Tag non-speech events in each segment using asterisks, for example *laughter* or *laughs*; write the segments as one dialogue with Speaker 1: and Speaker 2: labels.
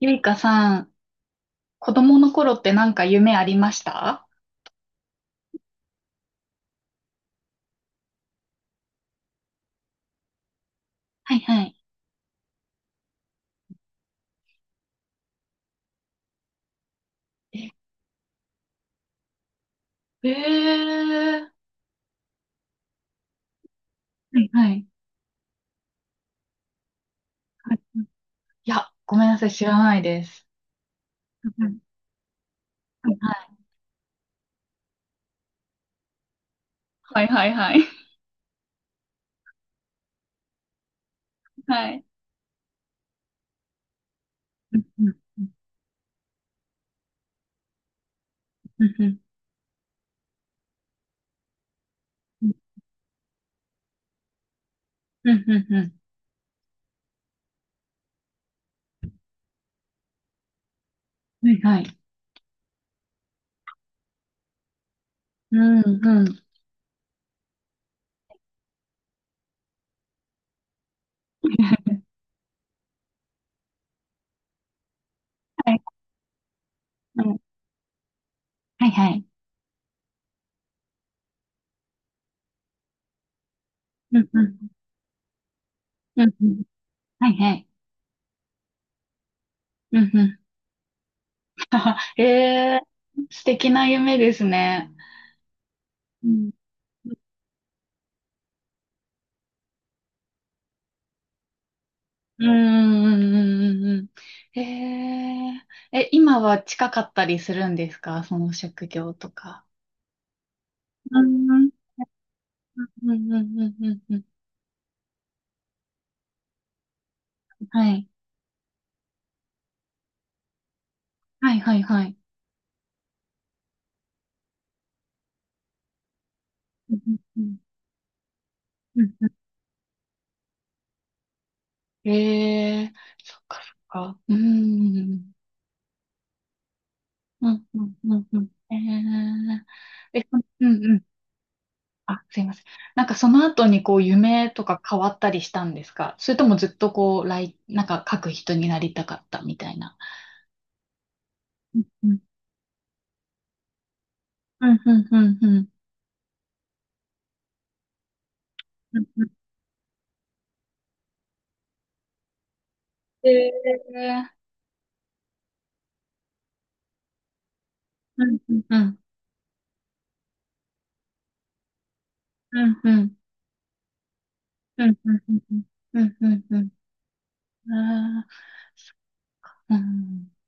Speaker 1: ゆいかさん、子供の頃ってなんか夢ありました？はいはい。ええー、はいはい。はい。いや、ごめんなさい、知らないです。うんうん、はいはいはい。はい。うんうんうんうんうんうんうん、はいはい。うんうん。はいはいはい。うんうんうんうん、はいはい。うんうん。*laughs* ええー、素敵な夢ですね。うんうんうんうんうんうんうん。え、今は近かったりするんですか、その職業とか？うん、うん、うん、うん、うん、うんうん、はい。はい、はい、はい。うん、うん、うん。うん。そっか、そっか。うん、うん、うん、うん、うん。え、そうん、うん。あ、すいません。なんかその後にこう夢とか変わったりしたんですか、それともずっとこう、来、なんか書く人になりたかったみたいな？うんうん、うん、うん、うん。うんうん、で、うんうんうんうんうんうんうんうんうんうん、あー、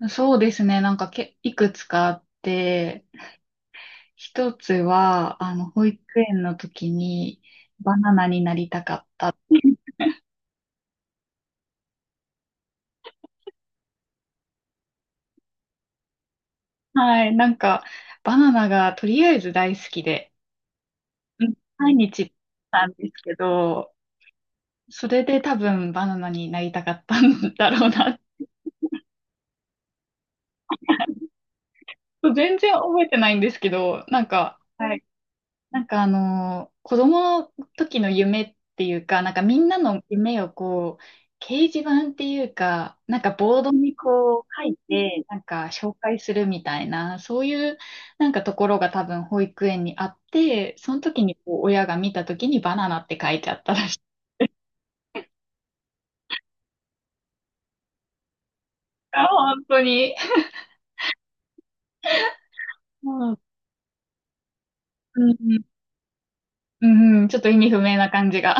Speaker 1: うん、そうですね。なんかいくつかあって、一つは、保育園の時にバナナになりたかった。はい。なんか、バナナがとりあえず大好きで、うん、毎日なんですけど、それで多分バナナになりたかったんだろうな。全然覚えてないんですけど、なんか、はい。なんか子供の時の夢っていうか、なんかみんなの夢をこう、掲示板っていうか、なんかボードにこう書いて、なんか紹介するみたいな、そういうなんかところが多分保育園にあって、その時にこう親が見た時にバナナって書いちゃったらしい。あ、本当に。うん、うん、うん、ちょっと意味不明な感じが。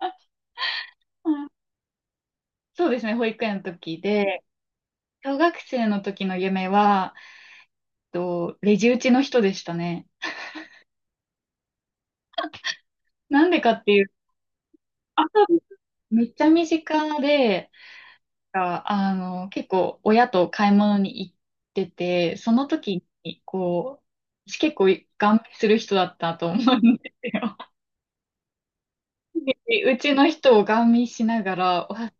Speaker 1: *laughs* うん、そうですね、保育園の時で、小学生の時の夢は、レジ打ちの人でしたね。なんでかっていう、朝、めっちゃ身近で、あ、結構親と買い物に行ってて、その時に、こう、私結構ガン見する人だったと思うんですよ。で、うちの人をガン見しながら、わ、す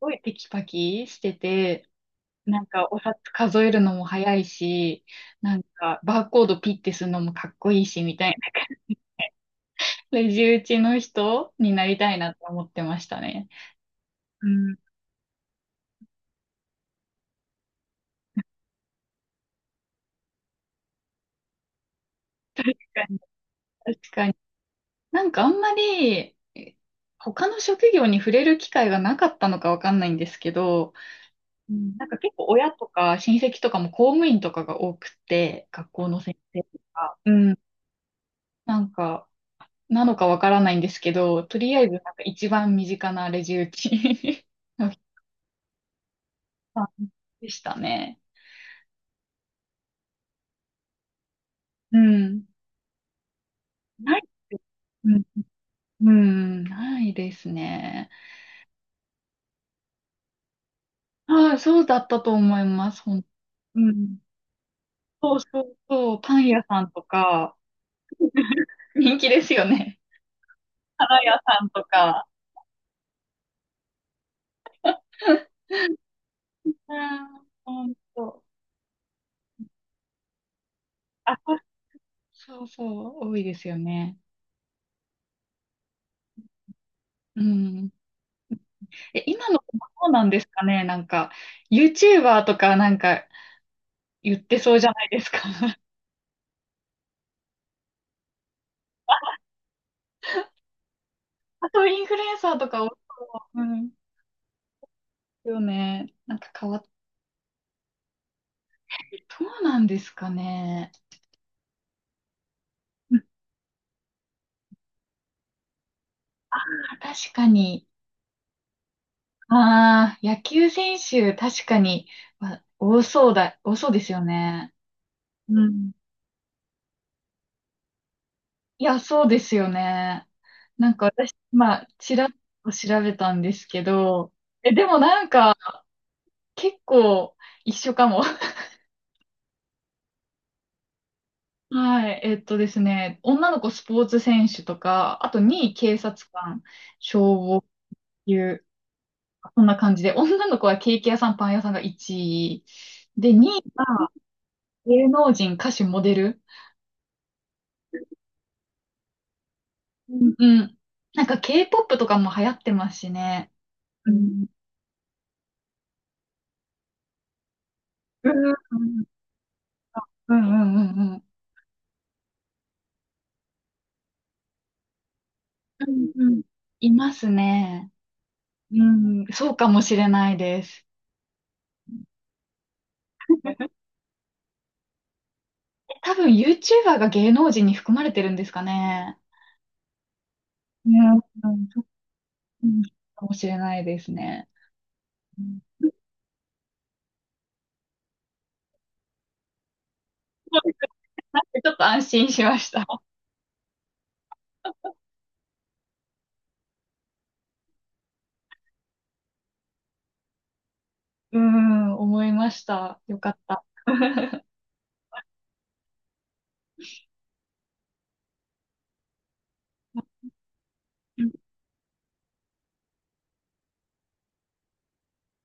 Speaker 1: ごいテキパキしてて、なんかお札数えるのも早いし、なんかバーコードピッてするのもかっこいいし、みたいな。レジ打ちの人になりたいなって思ってましたね。うん。確かに。確かに。なんかあんまり、他の職業に触れる機会がなかったのかわかんないんですけど、うん。なんか結構親とか親戚とかも公務員とかが多くて、学校の先生とか、うん、なんか、なのかわからないんですけど、とりあえずなんか一番身近なレジ打ち *laughs* の人でしたね。うん。ないです。うん、うん、ないですね。はい、そうだったと思います、うん。そうそうそう、パン屋さんとか、人気ですよね。花屋さんとか。*laughs* うん、ほんと。あ、そうそう、多いですよね。うん。え、今の子もそうなんですかね、なんか、YouTuber とかなんか言ってそうじゃないですか。*laughs* あと、インフルエンサーとかを。うん、よね。なんか変わってる。そうなんですかね。うん、確かに。ああ、野球選手、確かに、ま、多そうだ、多そうですよね。うん。いや、そうですよね。なんか私、まあ、ちらっと調べたんですけど、え、でもなんか、結構一緒かも。*laughs* はい。ですね、女の子スポーツ選手とか、あと2位警察官、消防級、こんな感じで、女の子はケーキ屋さん、パン屋さんが1位。で、2位が芸能人、歌手、モデル。うんうん。なんか K-POP とかも流行ってますしね。うん。うん。うんうんうんうんうん。うん、いますね。うん、そうかもしれないです。多分 YouTuber が芸能人に含まれてるんですかね。ね。うん、そうに。かもしれないですね。うん、ちょっと安心しました。うん、思いました。よかった。*laughs*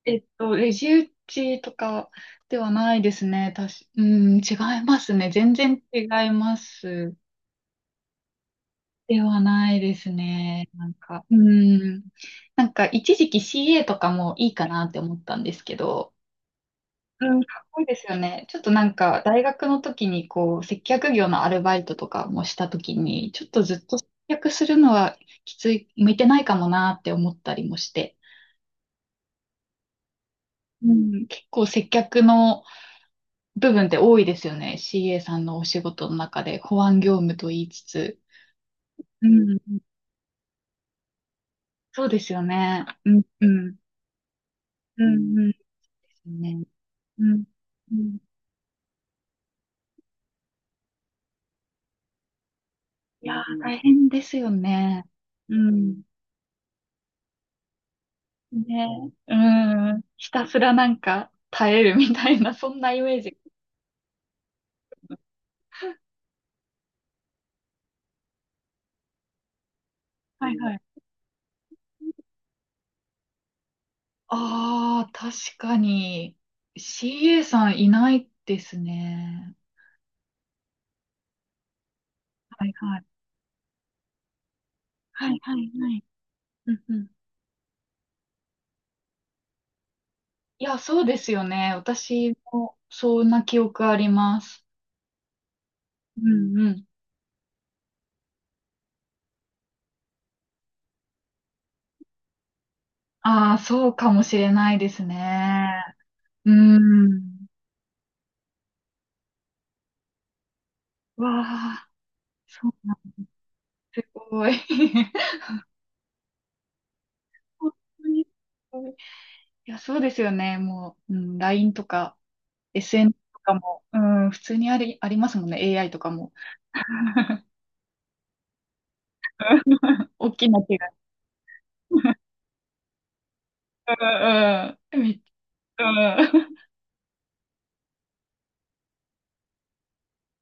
Speaker 1: レジ打ちとかではないですね。うん、違いますね。全然違います。ではないですね。なんか、うん。なんか、一時期 CA とかもいいかなって思ったんですけど、うん、かっこいいですよね。ちょっとなんか、大学の時にこう、接客業のアルバイトとかもした時に、ちょっとずっと接客するのはきつい、向いてないかもなって思ったりもして、うん、結構接客の、部分って多いですよね。CA さんのお仕事の中で保安業務と言いつつ。うん、そうですよね。うん、うん、うん、うん、ですね。うん、うん。いやー、大変ですよね。うん。ね。うん。ひたすらなんか耐えるみたいな、*laughs* そんなイメージ。はいはい。ああ、確かに。CA さんいないですね。はいはい。はいはいはい。うんうん、いや、そうですよね。私も、そんな記憶あります。うんうん。ああ、そうかもしれないですね。うん。わあ、そうなんすごい。*laughs* 本当にすごい。いや、そうですよね。もう、うん、LINE とか、SNS とかも、うん、普通にありますもんね。AI とかも。*laughs* 大きな違い。うんうん。うん。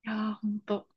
Speaker 1: いやー、ほんと。